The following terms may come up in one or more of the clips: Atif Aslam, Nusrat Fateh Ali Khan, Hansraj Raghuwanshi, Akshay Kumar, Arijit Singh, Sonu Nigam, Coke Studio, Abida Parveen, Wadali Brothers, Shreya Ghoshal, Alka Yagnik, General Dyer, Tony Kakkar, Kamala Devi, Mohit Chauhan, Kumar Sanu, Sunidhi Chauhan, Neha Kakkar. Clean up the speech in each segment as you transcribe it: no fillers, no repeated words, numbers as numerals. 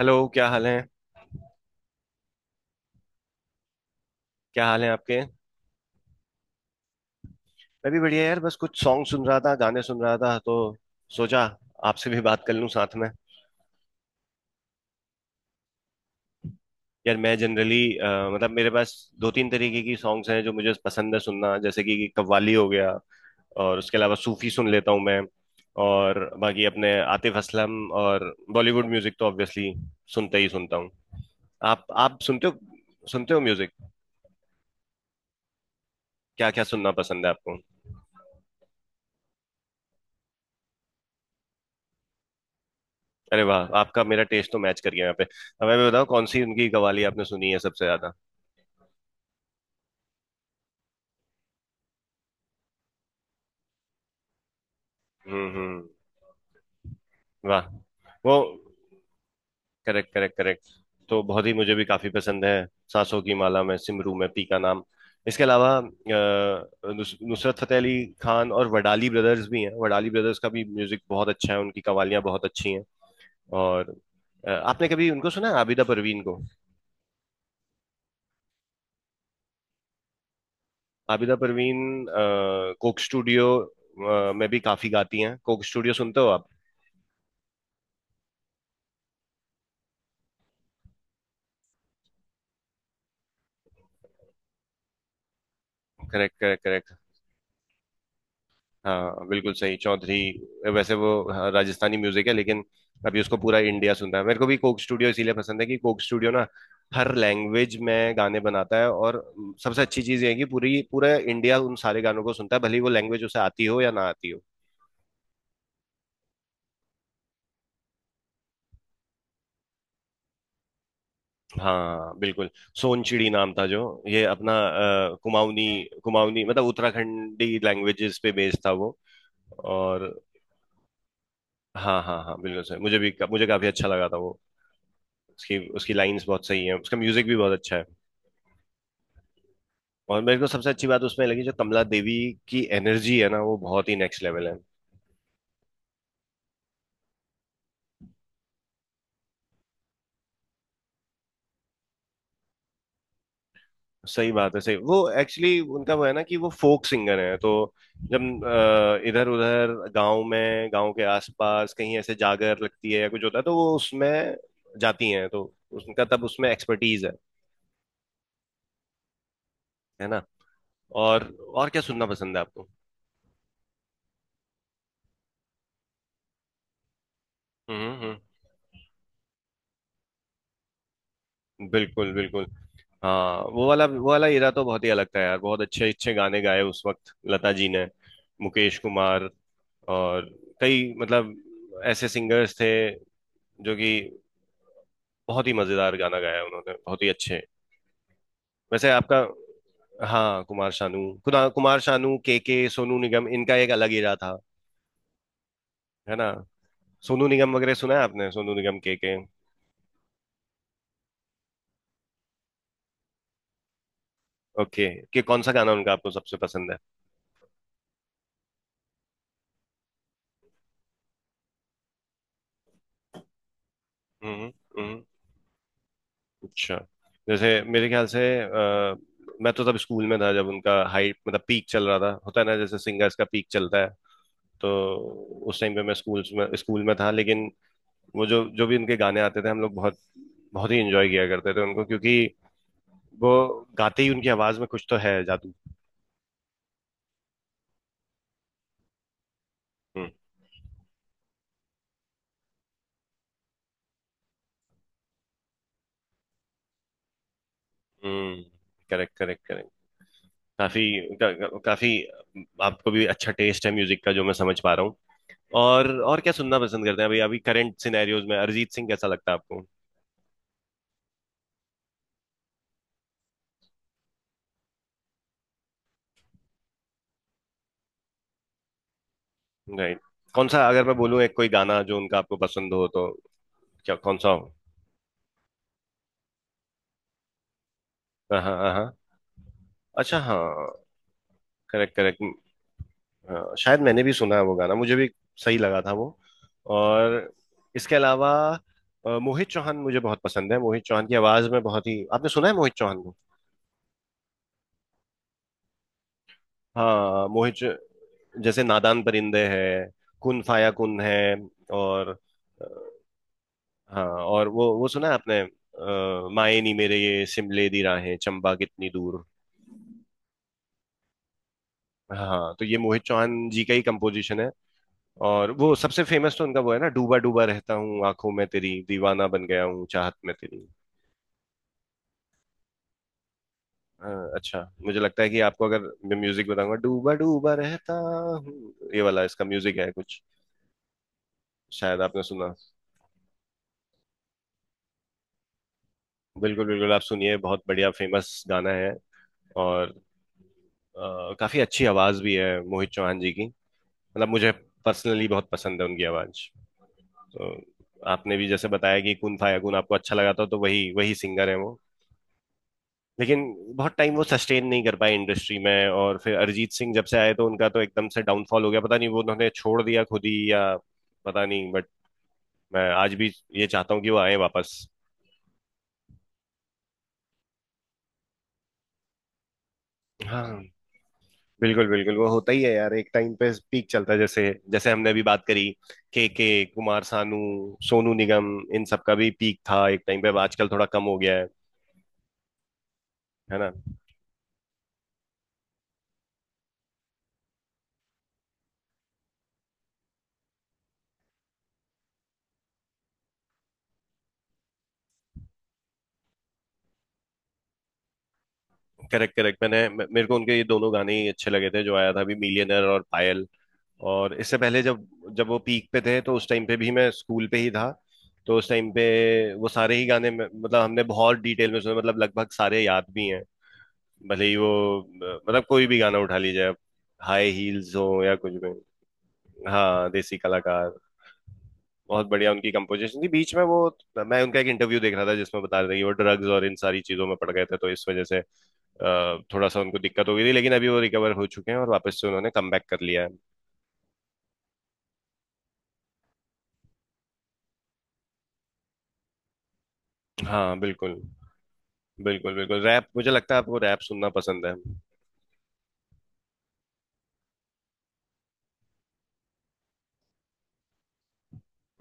Hello. क्या हाल है? क्या हाल है आपके? मैं भी बढ़िया यार, बस कुछ सॉन्ग सुन रहा था, गाने सुन रहा था, तो सोचा आपसे भी बात कर लूं साथ में। यार, मैं जनरली, मतलब मेरे पास दो तीन तरीके की सॉन्ग्स हैं जो मुझे पसंद है सुनना। जैसे कि कव्वाली हो गया, और उसके अलावा सूफी सुन लेता हूँ मैं, और बाकी अपने आतिफ असलम और बॉलीवुड म्यूजिक तो ऑब्वियसली सुनते ही सुनता हूँ। आप सुनते हो? सुनते हो म्यूजिक? क्या क्या सुनना पसंद है आपको? अरे वाह, आपका मेरा टेस्ट तो मैच कर गया यहाँ पे। अब मैं भी बताऊँ, कौन सी उनकी कवाली आपने सुनी है सबसे ज्यादा? हम्म, हम्म। वाह। वो, करेक्ट करेक्ट करेक्ट, तो बहुत ही मुझे भी काफी पसंद है। सांसों की माला में सिमरू में पी का नाम। इसके अलावा नुसरत फतेह अली खान और वडाली ब्रदर्स भी हैं। वडाली ब्रदर्स का भी म्यूजिक बहुत अच्छा है, उनकी कवालियाँ बहुत अच्छी हैं। और आपने कभी उनको सुना है, आबिदा परवीन को? आबिदा परवीन कोक स्टूडियो में भी काफी गाती हैं। कोक स्टूडियो सुनते हो आप? Correct correct correct. हाँ बिल्कुल सही, चौधरी। वैसे वो, हाँ, राजस्थानी म्यूजिक है लेकिन अभी उसको पूरा इंडिया सुनता है। मेरे को भी कोक स्टूडियो इसीलिए पसंद है कि कोक स्टूडियो ना हर लैंग्वेज में गाने बनाता है, और सबसे अच्छी चीज़ ये है कि पूरी पूरा इंडिया उन सारे गानों को सुनता है, भले ही वो लैंग्वेज उसे आती हो या ना आती हो। हाँ बिल्कुल। सोनचिड़ी नाम था जो, ये अपना कुमाऊनी कुमाऊनी मतलब उत्तराखंडी लैंग्वेजेस पे बेस्ड था वो। और हाँ हाँ हाँ बिल्कुल सही, मुझे काफी अच्छा लगा था वो। उसकी उसकी लाइंस बहुत सही है, उसका म्यूजिक भी बहुत अच्छा है। और मेरे को सबसे अच्छी बात उसमें लगी, जो कमला देवी की एनर्जी है ना, वो बहुत ही नेक्स्ट लेवल है। सही बात है, सही। वो एक्चुअली उनका वो है ना, कि वो फोक सिंगर है, तो जब इधर उधर गांव में, गांव के आसपास कहीं ऐसे जागर लगती है या कुछ होता है, तो वो उसमें जाती हैं, तो उनका तब उसमें एक्सपर्टीज है। है ना। और और क्या सुनना पसंद है आपको? हम्म, हम्म। बिल्कुल बिल्कुल। हाँ, वो वाला हीरा तो बहुत ही अलग था यार, बहुत अच्छे अच्छे गाने गाए उस वक्त लता जी ने, मुकेश कुमार, और कई, मतलब ऐसे सिंगर्स थे जो कि बहुत ही मजेदार गाना गाया, उन्होंने बहुत ही अच्छे। वैसे आपका, हाँ, कुमार शानू। कुमार शानू, के, सोनू निगम, इनका एक अलग हीरा था। है ना। सोनू निगम वगैरह सुना है आपने? सोनू निगम, के के। ओके। कि कौन सा गाना उनका आपको सबसे पसंद है? हम्म हम्म हम्म। अच्छा, जैसे मेरे ख्याल से मैं तो तब स्कूल में था जब उनका हाइट, मतलब पीक चल रहा था। होता है ना, जैसे सिंगर्स का पीक चलता है। तो उस टाइम पे मैं स्कूल में था। लेकिन वो जो जो भी उनके गाने आते थे, हम लोग बहुत बहुत ही इंजॉय किया करते थे उनको, क्योंकि वो गाते ही, उनकी आवाज में कुछ तो है जादू। हम्म, हम्म। Correct correct correct. काफी का, काफी। आपको भी अच्छा टेस्ट है म्यूजिक का जो मैं समझ पा रहा हूँ। और क्या सुनना पसंद करते हैं अभी? अभी करंट सिनेरियोज में अरिजीत सिंह कैसा लगता है आपको? राइट। कौन सा, अगर मैं बोलूँ एक कोई गाना जो उनका आपको पसंद हो तो, क्या कौन सा हो? हाँ हाँ हाँ हाँ। अच्छा, हाँ। Correct correct. शायद मैंने भी सुना है वो गाना, मुझे भी सही लगा था वो। और इसके अलावा मोहित चौहान मुझे बहुत पसंद है। मोहित चौहान की आवाज में बहुत ही, आपने सुना है मोहित चौहान को? हाँ, मोहित चौ-, जैसे नादान परिंदे है, कुन फाया कुन है, और अ, हाँ, और वो सुना है आपने माए नी मेरे ये सिमले दी राहें चंबा कितनी दूर? हाँ तो ये मोहित चौहान जी का ही कंपोजिशन है। और वो सबसे फेमस तो उनका वो है ना, डूबा डूबा रहता हूँ आंखों में तेरी, दीवाना बन गया हूँ चाहत में तेरी। हाँ अच्छा, मुझे लगता है कि आपको अगर मैं म्यूजिक बताऊंगा, डूबा डूबा रहता हूँ, ये वाला, इसका म्यूजिक है कुछ, शायद आपने सुना। बिल्कुल बिल्कुल, आप सुनिए, बहुत बढ़िया फेमस गाना है। और काफी अच्छी आवाज भी है मोहित चौहान जी की। मतलब मुझे पर्सनली बहुत पसंद है उनकी आवाज। तो आपने भी जैसे बताया कि कुन फायाकुन आपको अच्छा लगा था, तो वही वही सिंगर है वो। लेकिन बहुत टाइम वो सस्टेन नहीं कर पाए इंडस्ट्री में, और फिर अरिजीत सिंह जब से आए तो उनका तो एकदम से डाउनफॉल हो गया। पता नहीं, वो उन्होंने छोड़ दिया खुद ही या पता नहीं, बट मैं आज भी ये चाहता हूँ कि वो आए वापस। हाँ बिल्कुल बिल्कुल, वो होता ही है यार, एक टाइम पे पीक चलता है। जैसे जैसे हमने अभी बात करी, के, कुमार सानू, सोनू निगम, इन सब का भी पीक था एक टाइम पे। अब आजकल थोड़ा कम हो गया है। है ना। Correct correct. मैंने मेरे को उनके ये दोनों गाने ही अच्छे लगे थे जो आया था अभी, मिलियनर और पायल। और इससे पहले जब, जब वो पीक पे थे तो उस टाइम पे भी मैं स्कूल पे ही था, तो उस टाइम पे वो सारे ही गाने मतलब हमने बहुत डिटेल में सुने। मतलब लगभग सारे याद भी हैं। भले ही वो, मतलब कोई भी गाना उठा लीजिए आप, हाई हील्स हो या कुछ भी। हाँ, देसी कलाकार, बहुत बढ़िया उनकी कंपोजिशन थी। बीच में वो, मैं उनका एक इंटरव्यू देख रहा था जिसमें बता रहे थे कि वो ड्रग्स और इन सारी चीजों में पड़ गए थे, तो इस वजह से थोड़ा सा उनको दिक्कत हो गई थी, लेकिन अभी वो रिकवर हो चुके हैं और वापस से उन्होंने कमबैक कर लिया है। हाँ बिल्कुल। बिल्कुल बिल्कुल, रैप, मुझे लगता है आपको रैप सुनना पसंद है।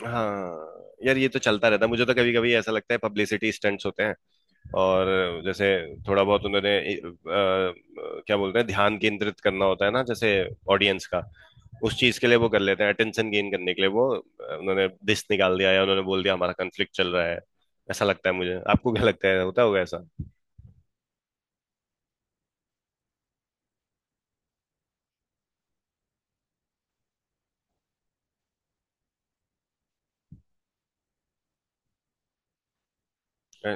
हाँ, यार ये तो चलता रहता है, मुझे तो कभी कभी ऐसा लगता है पब्लिसिटी स्टंट्स होते हैं। और जैसे, थोड़ा बहुत उन्होंने क्या बोलते हैं, ध्यान केंद्रित करना, होता है ना, जैसे ऑडियंस का उस चीज के लिए। वो कर लेते हैं अटेंशन गेन करने के लिए। वो उन्होंने दिस निकाल दिया या उन्होंने बोल दिया हमारा कन्फ्लिक्ट चल रहा है, ऐसा लगता है मुझे। आपको क्या लगता है, होता होगा ऐसा? अ,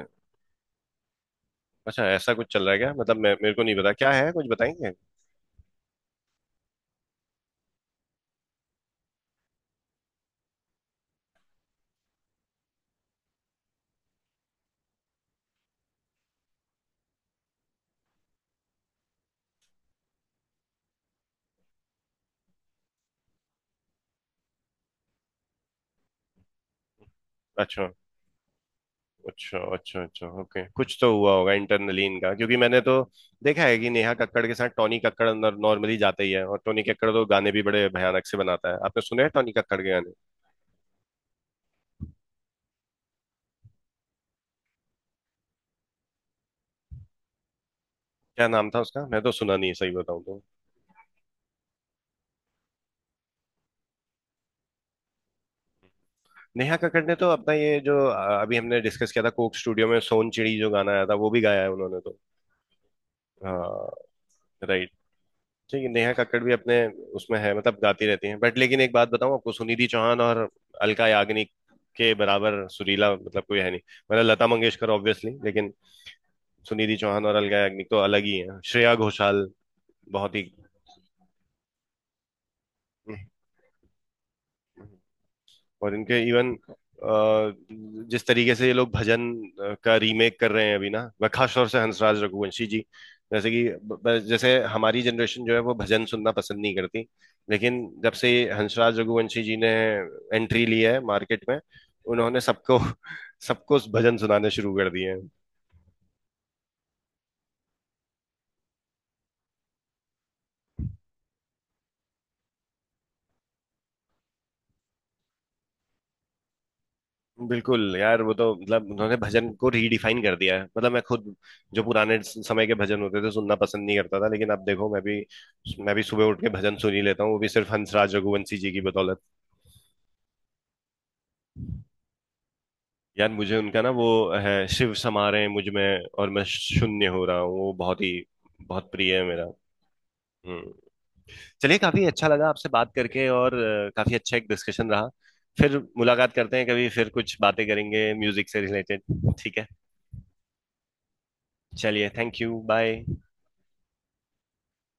अच्छा, ऐसा कुछ चल रहा है क्या? मतलब मैं, मेरे को नहीं पता क्या है, कुछ बताएंगे? अच्छा अच्छा अच्छा अच्छा, ओके, कुछ तो हुआ होगा इंटरनली इनका, क्योंकि मैंने तो देखा है कि नेहा कक्कड़ के साथ टॉनी कक्कड़ अंदर नॉर्मली जाता ही है, और टॉनी कक्कड़ तो गाने भी बड़े भयानक से बनाता है। आपने सुने हैं टॉनी कक्कड़ के गाने? क्या नाम था उसका? मैं तो सुना नहीं है सही बताऊं तो। नेहा कक्कड़ ने तो अपना ये जो अभी हमने डिस्कस किया था कोक स्टूडियो में, सोन चिड़ी, जो गाना आया था, वो भी गाया है उन्होंने तो। हाँ। ठीक है, नेहा कक्कड़ भी अपने उसमें है, मतलब गाती रहती हैं। बट लेकिन एक बात बताऊं आपको, सुनिधि चौहान और अलका याग्निक के बराबर सुरीला, मतलब कोई है नहीं। मतलब लता मंगेशकर ऑब्वियसली, लेकिन सुनिधि चौहान और अलका याग्निक तो अलग ही है। श्रेया घोषाल बहुत ही। और इनके इवन जिस तरीके से ये लोग भजन का रीमेक कर रहे हैं अभी ना, वह खास तौर से हंसराज रघुवंशी जी। जैसे कि, जैसे हमारी जनरेशन जो है, वो भजन सुनना पसंद नहीं करती, लेकिन जब से ये हंसराज रघुवंशी जी ने एंट्री ली है मार्केट में, उन्होंने सबको सबको भजन सुनाने शुरू कर दिए हैं। बिल्कुल यार, वो तो मतलब उन्होंने भजन को रीडिफाइन कर दिया है। मतलब मैं खुद जो पुराने समय के भजन होते थे सुनना पसंद नहीं करता था, लेकिन अब देखो, मैं भी सुबह उठ के भजन सुन ही लेता हूँ, वो भी सिर्फ हंसराज रघुवंशी जी की बदौलत। यार मुझे उनका ना वो है, शिव समा रहे हैं मुझ में और मैं शून्य हो रहा हूँ, वो बहुत ही बहुत प्रिय है मेरा। हम्म। चलिए, काफी अच्छा लगा आपसे बात करके, और काफी अच्छा एक डिस्कशन रहा। फिर मुलाकात करते हैं कभी, फिर कुछ बातें करेंगे म्यूजिक से रिलेटेड। ठीक है। चलिए, थैंक यू, बाय।